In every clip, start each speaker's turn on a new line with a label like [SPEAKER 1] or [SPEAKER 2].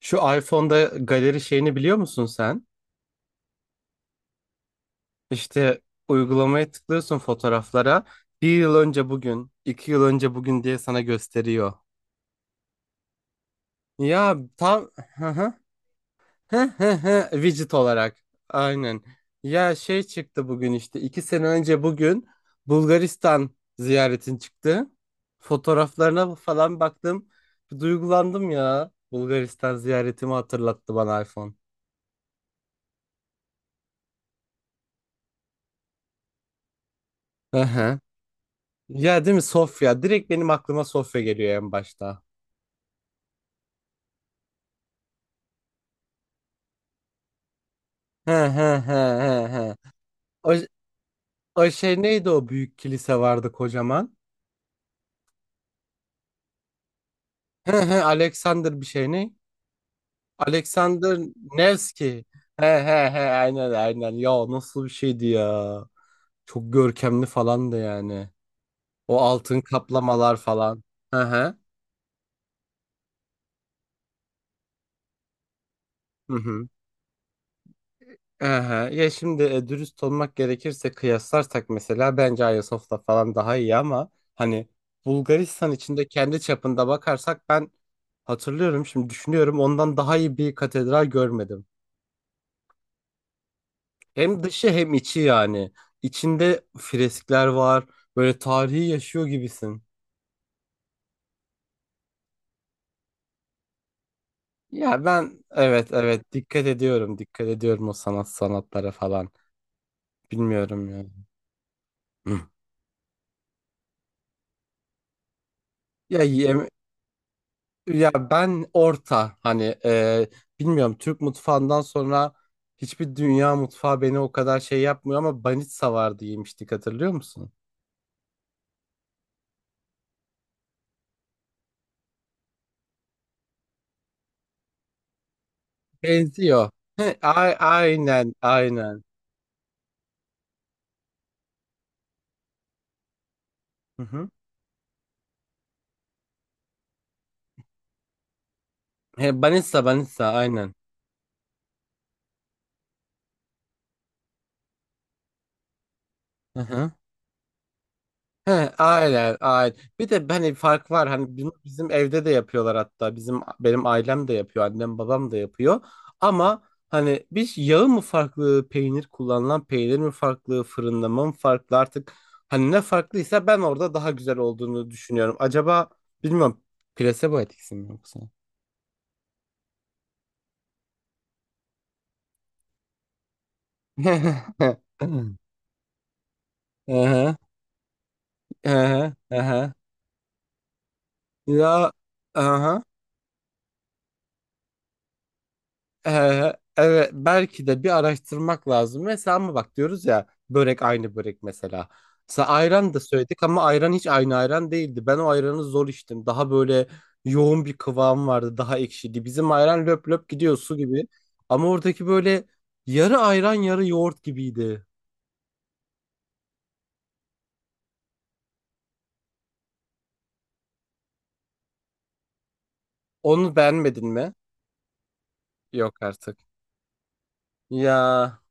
[SPEAKER 1] Şu iPhone'da galeri şeyini biliyor musun sen? İşte uygulamaya tıklıyorsun fotoğraflara. Bir yıl önce bugün, 2 yıl önce bugün diye sana gösteriyor. Ya tam Hı hı. Hı hı hı. Widget olarak. Aynen. Ya şey çıktı bugün işte 2 sene önce bugün Bulgaristan ziyaretin çıktı. Fotoğraflarına falan baktım. Bir duygulandım ya. Bulgaristan ziyaretimi hatırlattı bana iPhone. Hı hı. Ya değil mi Sofya? Direkt benim aklıma Sofya geliyor en başta. He he he he he. O, o şey neydi o büyük kilise vardı kocaman? He he Alexander bir şey ne? Alexander Nevski. He he he aynen aynen. Ya nasıl bir şeydi ya? Çok görkemli falan da yani. O altın kaplamalar falan. He he. Hı hı. Aha, ya şimdi dürüst olmak gerekirse kıyaslarsak mesela bence Ayasofya falan daha iyi ama hani Bulgaristan içinde kendi çapında bakarsak ben hatırlıyorum şimdi düşünüyorum ondan daha iyi bir katedral görmedim. Hem dışı hem içi yani. İçinde freskler var. Böyle tarihi yaşıyor gibisin. Ya ben evet evet dikkat ediyorum. Dikkat ediyorum o sanat sanatlara falan. Bilmiyorum ya. Hı. Ya yem- Ya ben orta hani bilmiyorum Türk mutfağından sonra hiçbir dünya mutfağı beni o kadar şey yapmıyor ama banitsa vardı yemiştik hatırlıyor musun? Benziyor. He, aynen aynen. Hı hı. He, banitsa banitsa aynen. Hı hı. He, aynen, aynen. Bir de hani fark var hani bunu bizim evde de yapıyorlar hatta benim ailem de yapıyor annem babam da yapıyor ama hani biz yağı mı farklı peynir kullanılan peynir mi farklı fırınlama mı farklı artık hani ne farklıysa ben orada daha güzel olduğunu düşünüyorum. Acaba bilmiyorum plasebo etkisi mi yoksa? Aha, aha, aha. Ya aha. Evet belki de bir araştırmak lazım. Mesela ama bak diyoruz ya börek aynı börek mesela. Mesela ayran da söyledik ama ayran hiç aynı ayran değildi. Ben o ayranı zor içtim. Daha böyle yoğun bir kıvam vardı. Daha ekşiydi. Bizim ayran löp löp gidiyor su gibi. Ama oradaki böyle yarı ayran yarı yoğurt gibiydi. Onu beğenmedin mi? Yok artık. Ya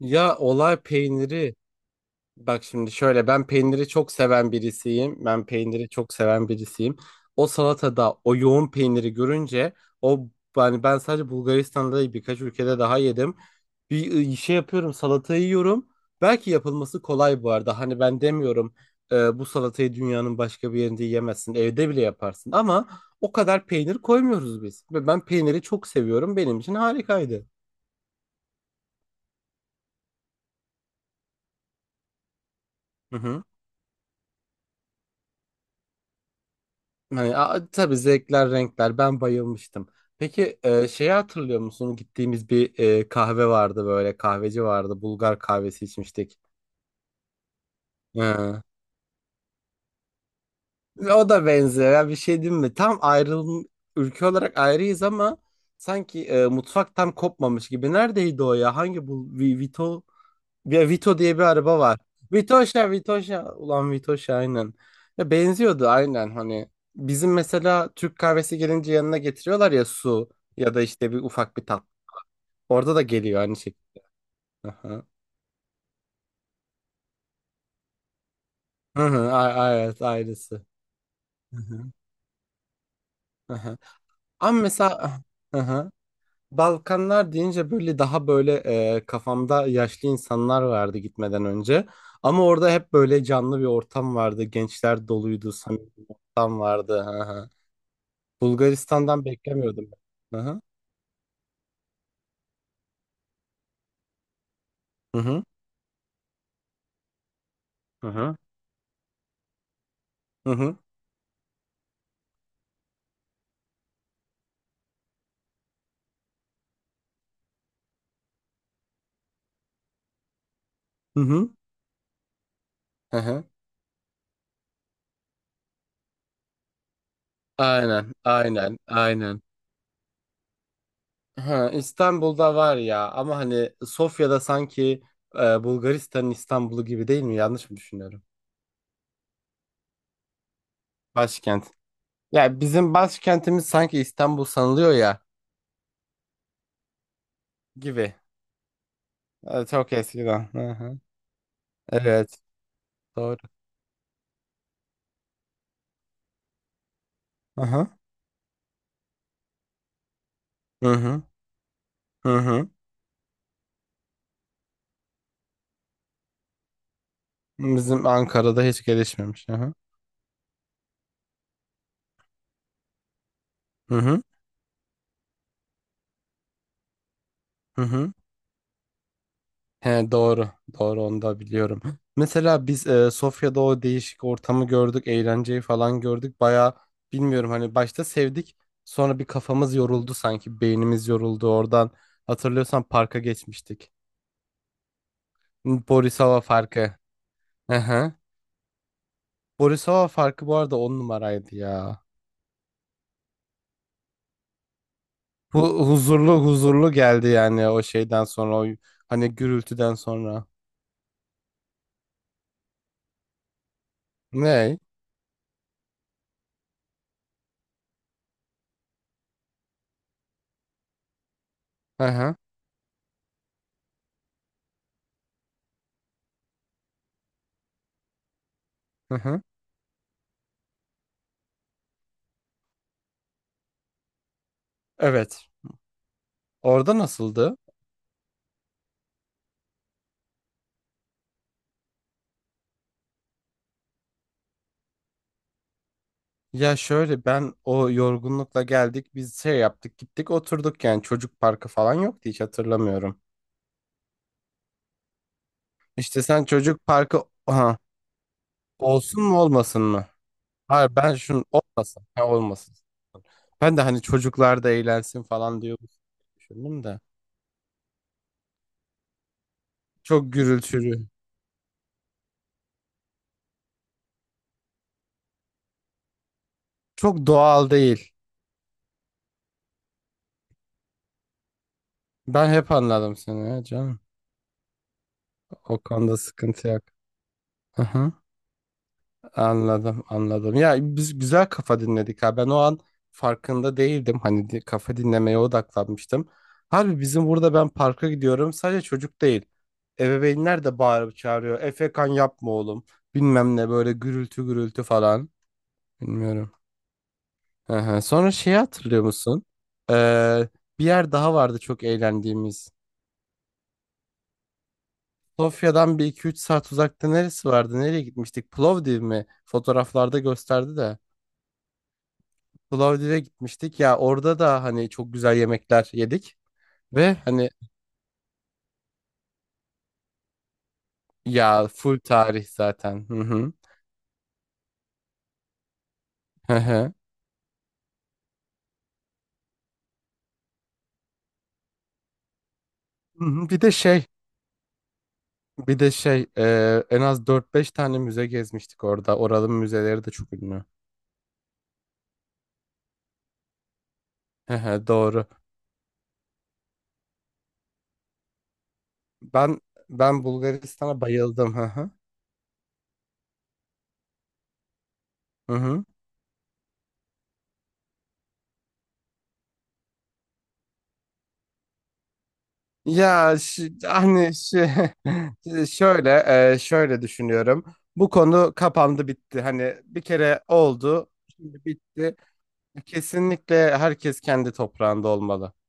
[SPEAKER 1] ya olay peyniri. Bak şimdi şöyle ben peyniri çok seven birisiyim. Ben peyniri çok seven birisiyim. O salatada o yoğun peyniri görünce o yani ben sadece Bulgaristan'da değil, birkaç ülkede daha yedim. Bir şey yapıyorum salatayı yiyorum. Belki yapılması kolay bu arada. Hani ben demiyorum bu salatayı dünyanın başka bir yerinde yiyemezsin. Evde bile yaparsın ama o kadar peynir koymuyoruz biz. Ve ben peyniri çok seviyorum. Benim için harikaydı. Hı hı. Hani, tabii zevkler, renkler. Ben bayılmıştım. Peki şeyi hatırlıyor musun? Gittiğimiz bir kahve vardı böyle. Kahveci vardı. Bulgar kahvesi içmiştik. Hı. Ve O da benziyor. Ya bir şey diyeyim mi? Tam ayrılım ülke olarak ayrıyız ama sanki mutfak tam kopmamış gibi. Neredeydi o ya? Vito? Ya Vito diye bir araba var. Vitoşa. Ulan Vitoşa aynen. Ya benziyordu aynen hani. Bizim mesela Türk kahvesi gelince yanına getiriyorlar ya su ya da işte bir ufak bir tat. Orada da geliyor aynı şekilde. Aha. Hı hı, evet ailesi. Hı hı, hı hı. Ama mesela hı hı. Balkanlar deyince böyle daha böyle kafamda yaşlı insanlar vardı gitmeden önce. Ama orada hep böyle canlı bir ortam vardı. Gençler doluydu, samimi ortam vardı. Bulgaristan'dan beklemiyordum ben. Hı hı. Hı hı. Hı hı. Hı hı. Hı hı. Hı hı. Aynen, aynen, aynen. Ha, İstanbul'da var ya ama hani Sofya'da sanki Bulgaristan'ın İstanbul'u gibi değil mi? Yanlış mı düşünüyorum? Başkent. Ya bizim başkentimiz sanki İstanbul sanılıyor ya gibi. Çok eskiden. Hı hı. Evet, doğru. Hı hı. Hı hı. Hı hı. Bizim Ankara'da hiç gelişmemiş. Hı hı. Hı hı. Hı hı. He doğru. Doğru onu da biliyorum. Mesela biz Sofya'da o değişik ortamı gördük. Eğlenceyi falan gördük. Baya bilmiyorum hani başta sevdik. Sonra bir kafamız yoruldu sanki. Beynimiz yoruldu oradan. Hatırlıyorsan parka geçmiştik. Borisova farkı. Hı hı. Borisova farkı bu arada 10 numaraydı ya. Bu huzurlu huzurlu geldi yani o şeyden sonra. O, hani gürültüden sonra. Ne? Hı hı. Hı hı. Evet. Orada nasıldı? Ya şöyle ben o yorgunlukla geldik biz şey yaptık gittik oturduk yani çocuk parkı falan yoktu hiç hatırlamıyorum. İşte sen çocuk parkı aha, olsun mu olmasın mı? Hayır ben şunu olmasın ha, olmasın. Ben de hani çocuklar da eğlensin falan diyor düşündüm de. Çok gürültülü. Çok doğal değil. Ben hep anladım seni ya canım. O konuda sıkıntı yok. Aha. Anladım, anladım. Ya biz güzel kafa dinledik ha. Ben o an farkında değildim. Kafa dinlemeye odaklanmıştım. Harbi bizim burada ben parka gidiyorum. Sadece çocuk değil. Ebeveynler de bağırıp çağırıyor. Efekan yapma oğlum. Bilmem ne böyle gürültü gürültü falan. Bilmiyorum. Hı hı. Sonra şeyi hatırlıyor musun? Ee, bir yer daha vardı çok eğlendiğimiz. Sofya'dan bir iki üç saat uzakta neresi vardı? Nereye gitmiştik? Plovdiv mi? Fotoğraflarda gösterdi de. Plovdiv'e gitmiştik. Ya orada da hani çok güzel yemekler yedik. Ve hani ya full tarih zaten. Hı hı. Hı hı. Hı hı. Bir de şey, en az dört beş tane müze gezmiştik orada. Oraların müzeleri de çok ünlü. Hı hı, doğru. Ben ben Bulgaristan'a bayıldım. Hı hı. Hı hı. Şöyle şöyle düşünüyorum. Bu konu kapandı bitti. Hani bir kere oldu, şimdi bitti. Kesinlikle herkes kendi toprağında olmalı.